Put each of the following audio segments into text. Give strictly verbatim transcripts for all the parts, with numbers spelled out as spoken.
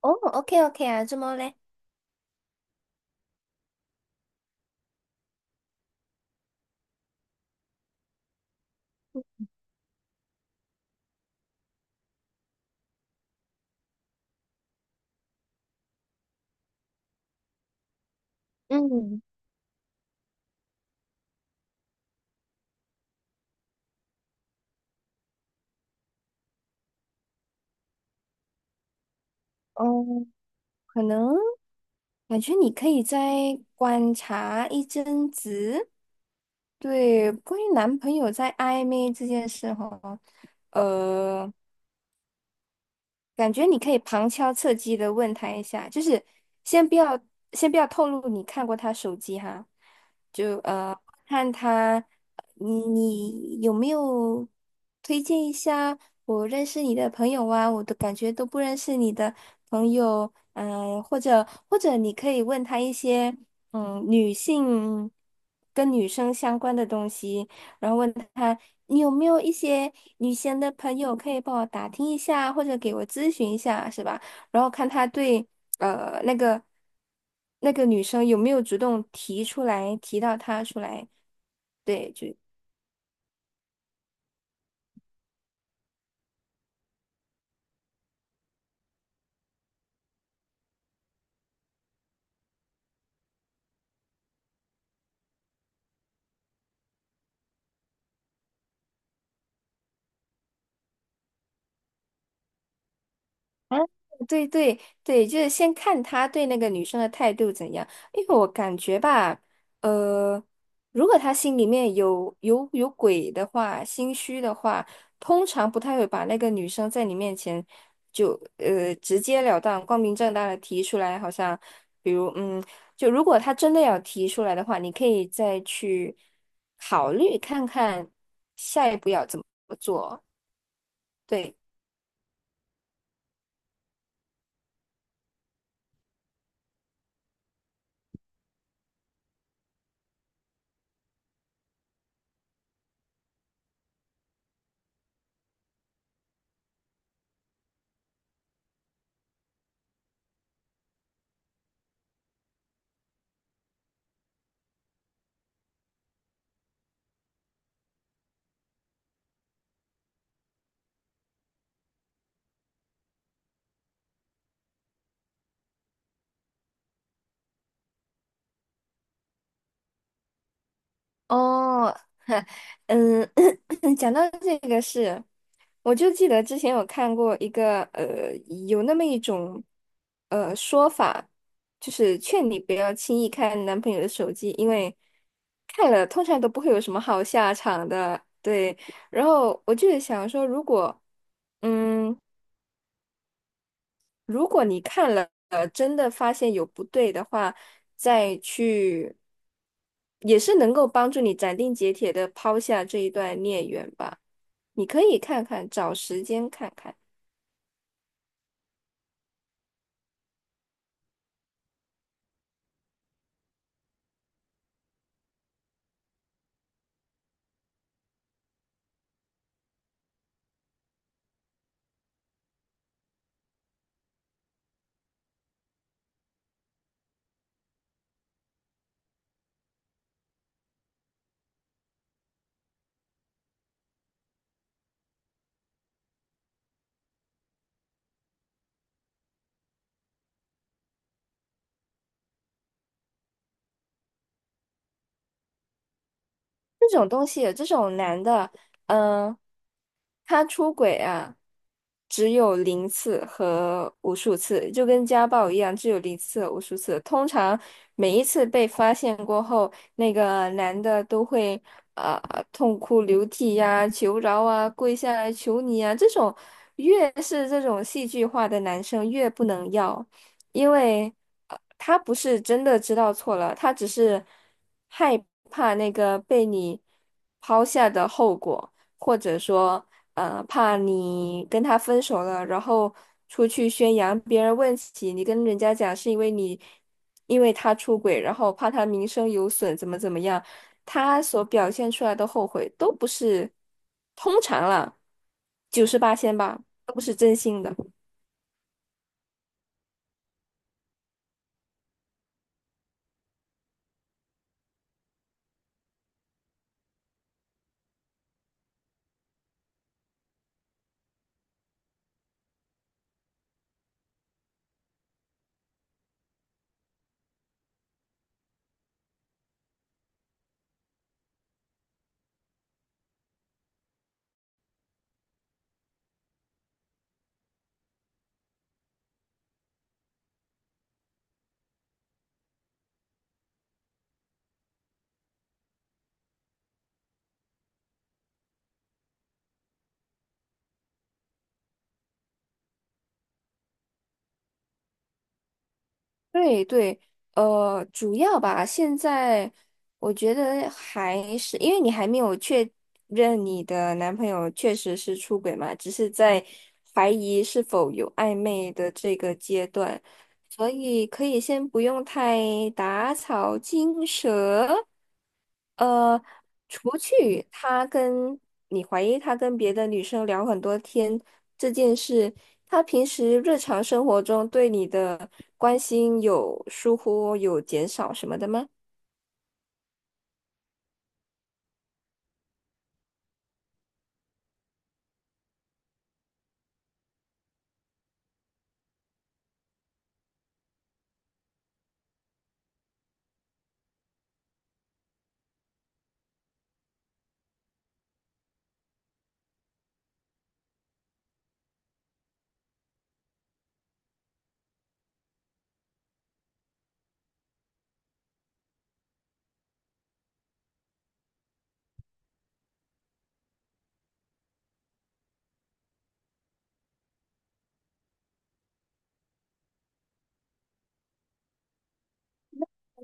哦，OK OK 啊，这么嘞？嗯，哦，可能感觉你可以再观察一阵子。对，关于男朋友在暧昧这件事哈，呃。感觉你可以旁敲侧击的问他一下，就是先不要先不要透露你看过他手机哈，就呃看他你你有没有推荐一下我认识你的朋友啊？我都感觉都不认识你的朋友，嗯、或者或者你可以问他一些嗯女性跟女生相关的东西。然后问他你有没有一些女生的朋友可以帮我打听一下，或者给我咨询一下，是吧？然后看他对呃那个那个女生有没有主动提出来，提到他出来，对，就。啊，对对对，就是先看他对那个女生的态度怎样，因为我感觉吧，呃，如果他心里面有有有鬼的话，心虚的话，通常不太会把那个女生在你面前就呃直截了当、光明正大的提出来，好像比如嗯，就如果他真的要提出来的话，你可以再去考虑看看下一步要怎么做，对。哦，嗯，讲到这个事，我就记得之前有看过一个呃，有那么一种呃说法，就是劝你不要轻易看男朋友的手机，因为看了通常都不会有什么好下场的。对，然后我就是想说，如果嗯。如果你看了，呃，真的发现有不对的话，再去，也是能够帮助你斩钉截铁的抛下这一段孽缘吧。你可以看看，找时间看看。这种东西，这种男的，嗯、他出轨啊，只有零次和无数次，就跟家暴一样，只有零次和无数次。通常每一次被发现过后，那个男的都会呃痛哭流涕呀、求饶啊、跪下来求你啊。这种越是这种戏剧化的男生，越不能要。因为呃他不是真的知道错了，他只是害怕那个被你抛下的后果，或者说，呃，怕你跟他分手了，然后出去宣扬，别人问起你跟人家讲是因为你，因为他出轨，然后怕他名声有损，怎么怎么样，他所表现出来的后悔都不是，通常啦，九十八仙吧，都不是真心的。对对，呃，主要吧，现在我觉得还是因为你还没有确认你的男朋友确实是出轨嘛，只是在怀疑是否有暧昧的这个阶段，所以可以先不用太打草惊蛇。呃，除去他跟你怀疑他跟别的女生聊很多天这件事，他平时日常生活中对你的关心有疏忽、有减少什么的吗？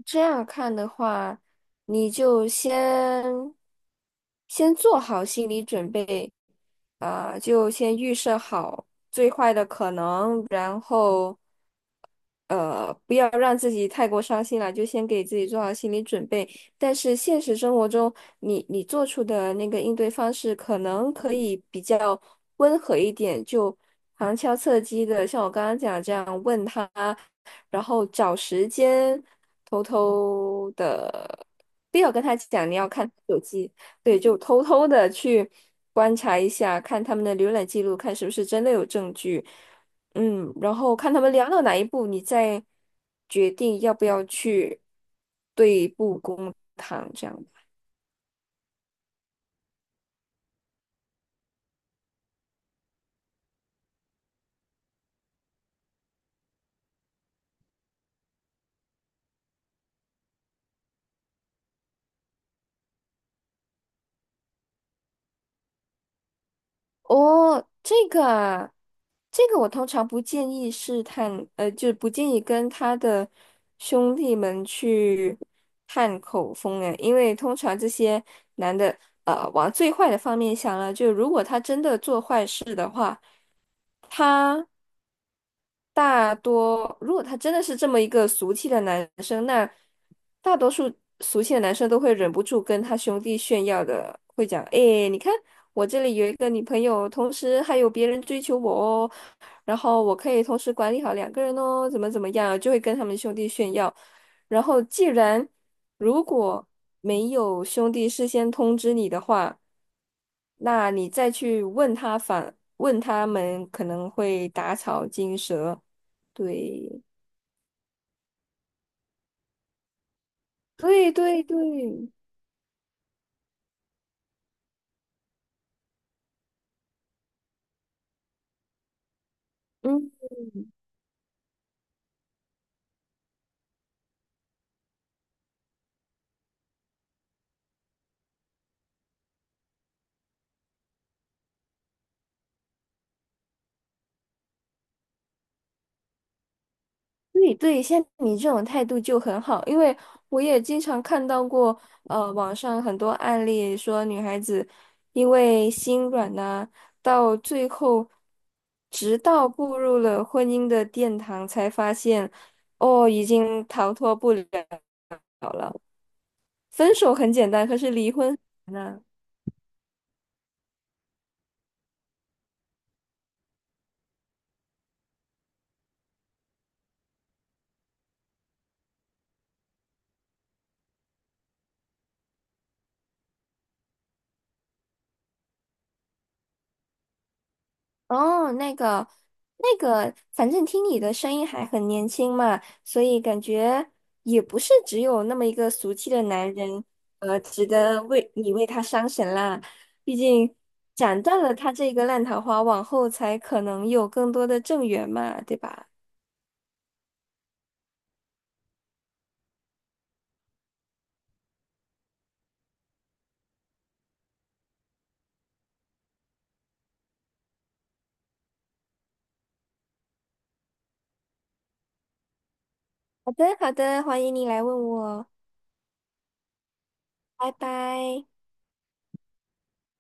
这样看的话，你就先先做好心理准备，啊、就先预设好最坏的可能，然后。呃，不要让自己太过伤心了，就先给自己做好心理准备。但是现实生活中，你你做出的那个应对方式，可能可以比较温和一点，就旁敲侧击的，像我刚刚讲这样问他，然后找时间，偷偷的，不要跟他讲你要看手机，对，就偷偷的去观察一下，看他们的浏览记录，看是不是真的有证据。嗯，然后看他们聊到哪一步，你再决定要不要去对簿公堂。哦，这个啊，这个我通常不建议试探，呃，就是不建议跟他的兄弟们去探口风诶，因为通常这些男的，呃，往最坏的方面想了，就如果他真的做坏事的话。他。大多，如果他真的是这么一个俗气的男生，那大多数俗气的男生都会忍不住跟他兄弟炫耀的，会讲：“哎，你看我这里有一个女朋友，同时还有别人追求我哦，然后我可以同时管理好两个人哦，怎么怎么样，就会跟他们兄弟炫耀。然后，既然如果没有兄弟事先通知你的话，那你再去问他反问他们，可能会打草惊蛇。对，对对对，嗯，对对，像你这种态度就很好，因为我也经常看到过，呃，网上很多案例说女孩子因为心软呐、到最后，直到步入了婚姻的殿堂，才发现，哦，已经逃脱不了了。分手很简单，可是离婚很难啊哦，那个，那个，反正听你的声音还很年轻嘛，所以感觉也不是只有那么一个俗气的男人，呃，值得为你为他伤神啦。毕竟斩断了他这个烂桃花，往后才可能有更多的正缘嘛，对吧？好的，好的，欢迎你来问我，拜拜。